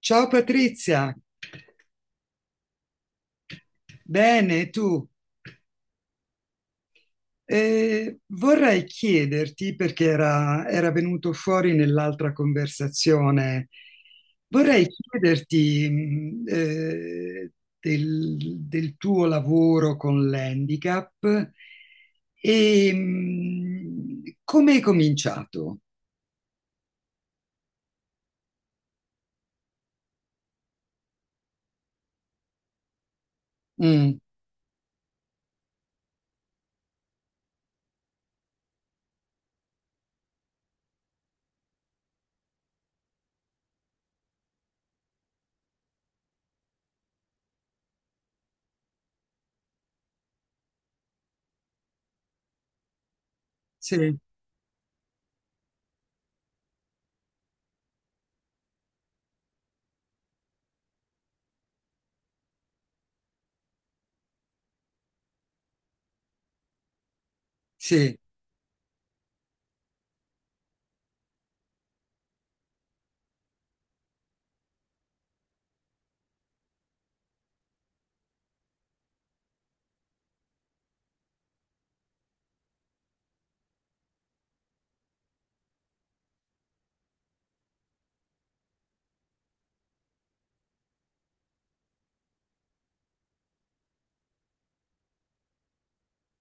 Ciao Patrizia, bene tu? Vorrei chiederti, perché era venuto fuori nell'altra conversazione, vorrei chiederti del tuo lavoro con l'handicap e come hai cominciato? Mm, sì, sì.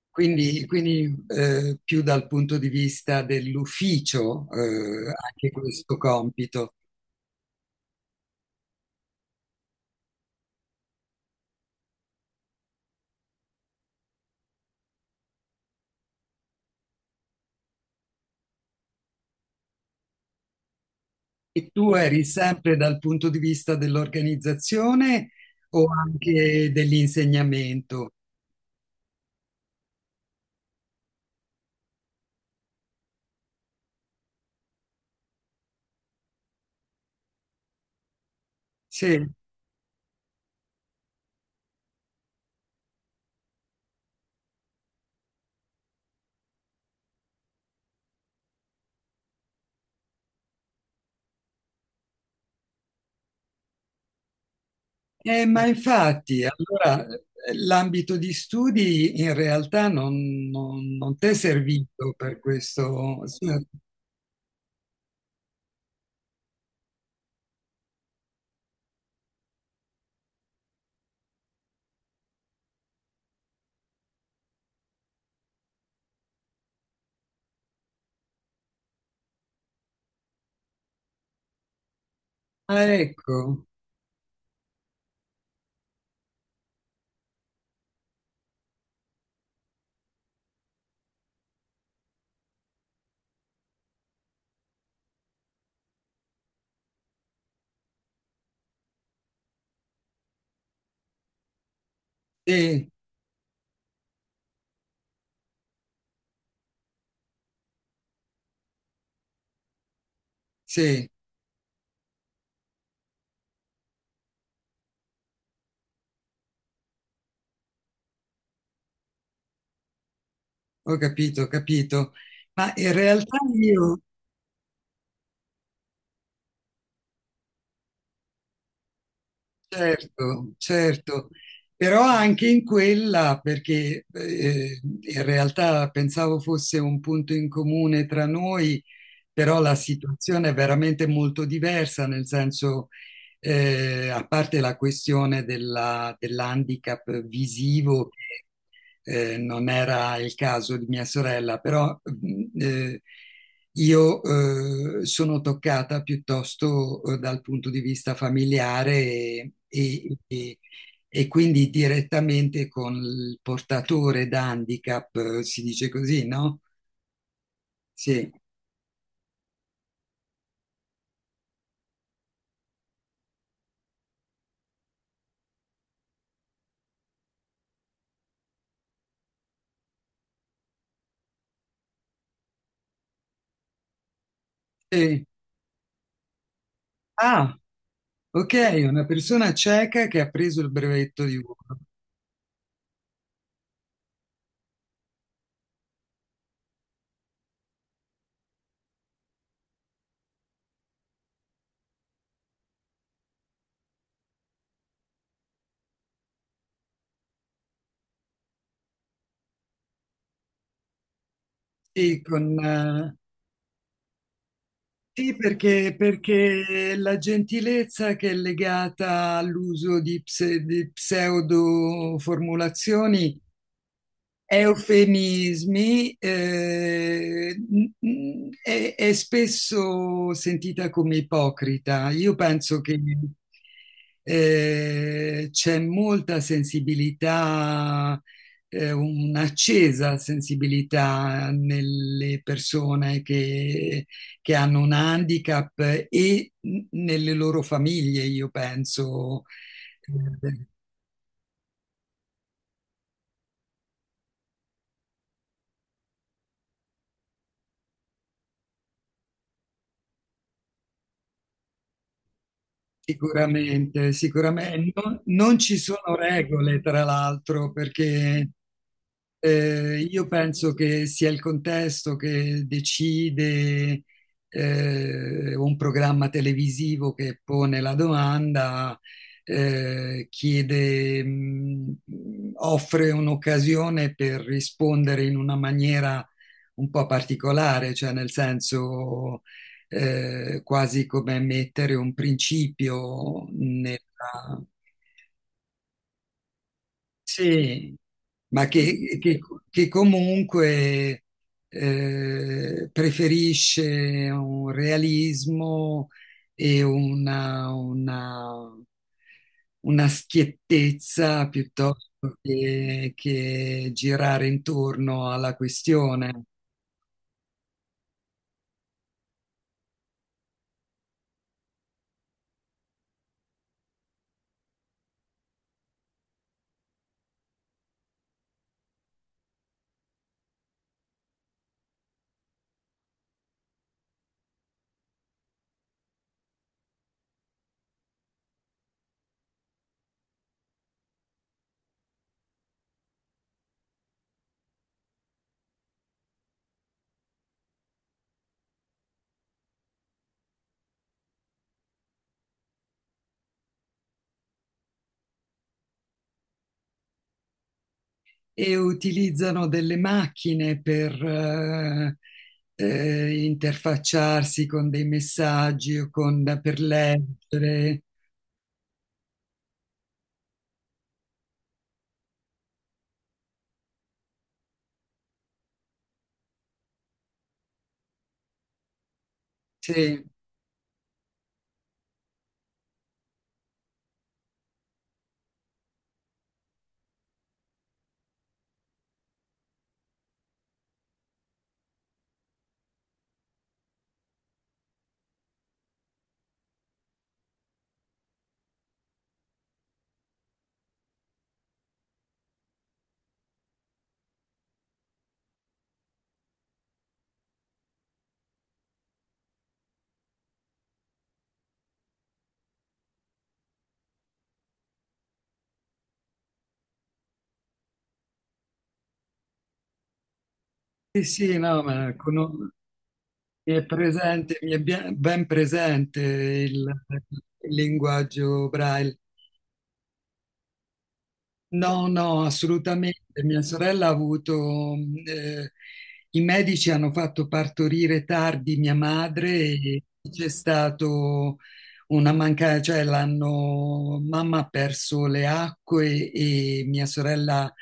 Quindi, più dal punto di vista dell'ufficio, anche questo compito. E tu eri sempre dal punto di vista dell'organizzazione o anche dell'insegnamento? Sì. Ma infatti, l'ambito di studi in realtà non ti è servito per questo. Sì. Ah, ecco, sì, sì, ho capito, ho capito. Ma in realtà io, certo, certo, però anche in quella, perché in realtà pensavo fosse un punto in comune tra noi, però la situazione è veramente molto diversa, nel senso, a parte la dell'handicap visivo, non era il caso di mia sorella, però eh, io sono toccata piuttosto dal punto di vista familiare e quindi direttamente con il portatore da handicap, si dice così, no? Sì. Eh, ah, ok, una persona cieca che ha preso il brevetto di volo. Sì, con, sì, perché la gentilezza che è legata all'uso di, di pseudo formulazioni eufemismi, è spesso sentita come ipocrita. Io penso che c'è molta sensibilità, un'accesa sensibilità nelle persone che hanno un handicap e nelle loro famiglie, io penso. Sicuramente, sicuramente. Non, non ci sono regole, tra l'altro, perché io penso che sia il contesto che decide. Un programma televisivo che pone la domanda, chiede, offre un'occasione per rispondere in una maniera un po' particolare, cioè nel senso quasi come mettere un principio nella sì, ma che comunque preferisce un realismo e una schiettezza piuttosto che girare intorno alla questione. E utilizzano delle macchine per interfacciarsi con dei messaggi o con, per leggere. Sì. Sì, sì, no, mi è presente, mi è ben presente il linguaggio Braille. No, no, assolutamente. Mia sorella ha avuto, eh, i medici hanno fatto partorire tardi mia madre e c'è stato una mancanza, cioè l'hanno, mamma ha perso le acque e mia sorella,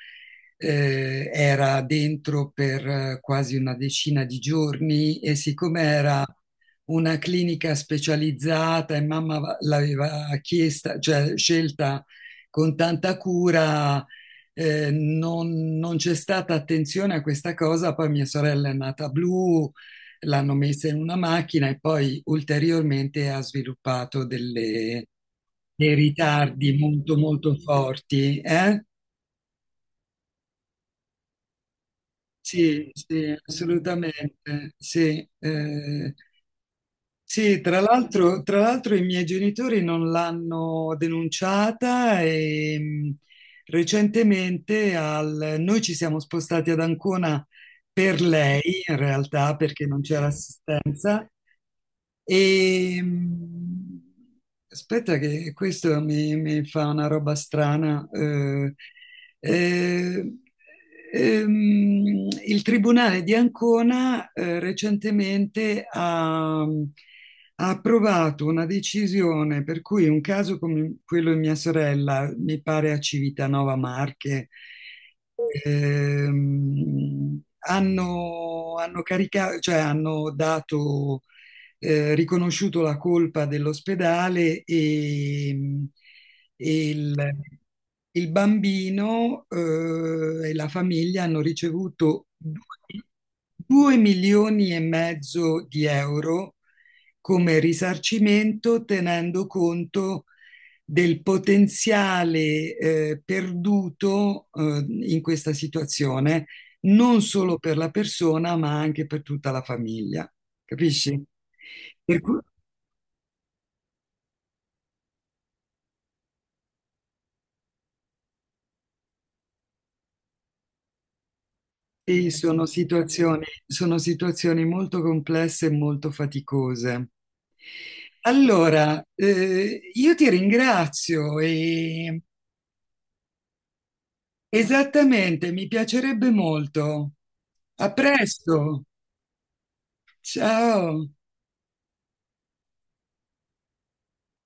era dentro per quasi una decina di giorni, e siccome era una clinica specializzata e l'aveva chiesta, cioè scelta con tanta cura, non, non c'è stata attenzione a questa cosa, poi mia sorella è nata blu, l'hanno messa in una macchina e poi ulteriormente ha sviluppato dei ritardi molto molto forti, eh? Sì, sì, assolutamente, sì. Sì, tra l'altro i miei genitori non l'hanno denunciata e recentemente noi ci siamo spostati ad Ancona per lei, in realtà, perché non c'era assistenza e, aspetta che questo mi fa una roba strana. Eh, il Tribunale di Ancona recentemente ha approvato una decisione per cui un caso come quello di mia sorella, mi pare a Civitanova Marche, hanno caricato, cioè hanno dato riconosciuto la colpa dell'ospedale e il bambino e la famiglia hanno ricevuto 2 milioni e mezzo di euro come risarcimento, tenendo conto del potenziale perduto in questa situazione, non solo per la persona, ma anche per tutta la famiglia, capisci? Per cui sì, sono situazioni molto complesse e molto faticose. Allora, io ti ringrazio e esattamente, mi piacerebbe molto. A presto, ciao.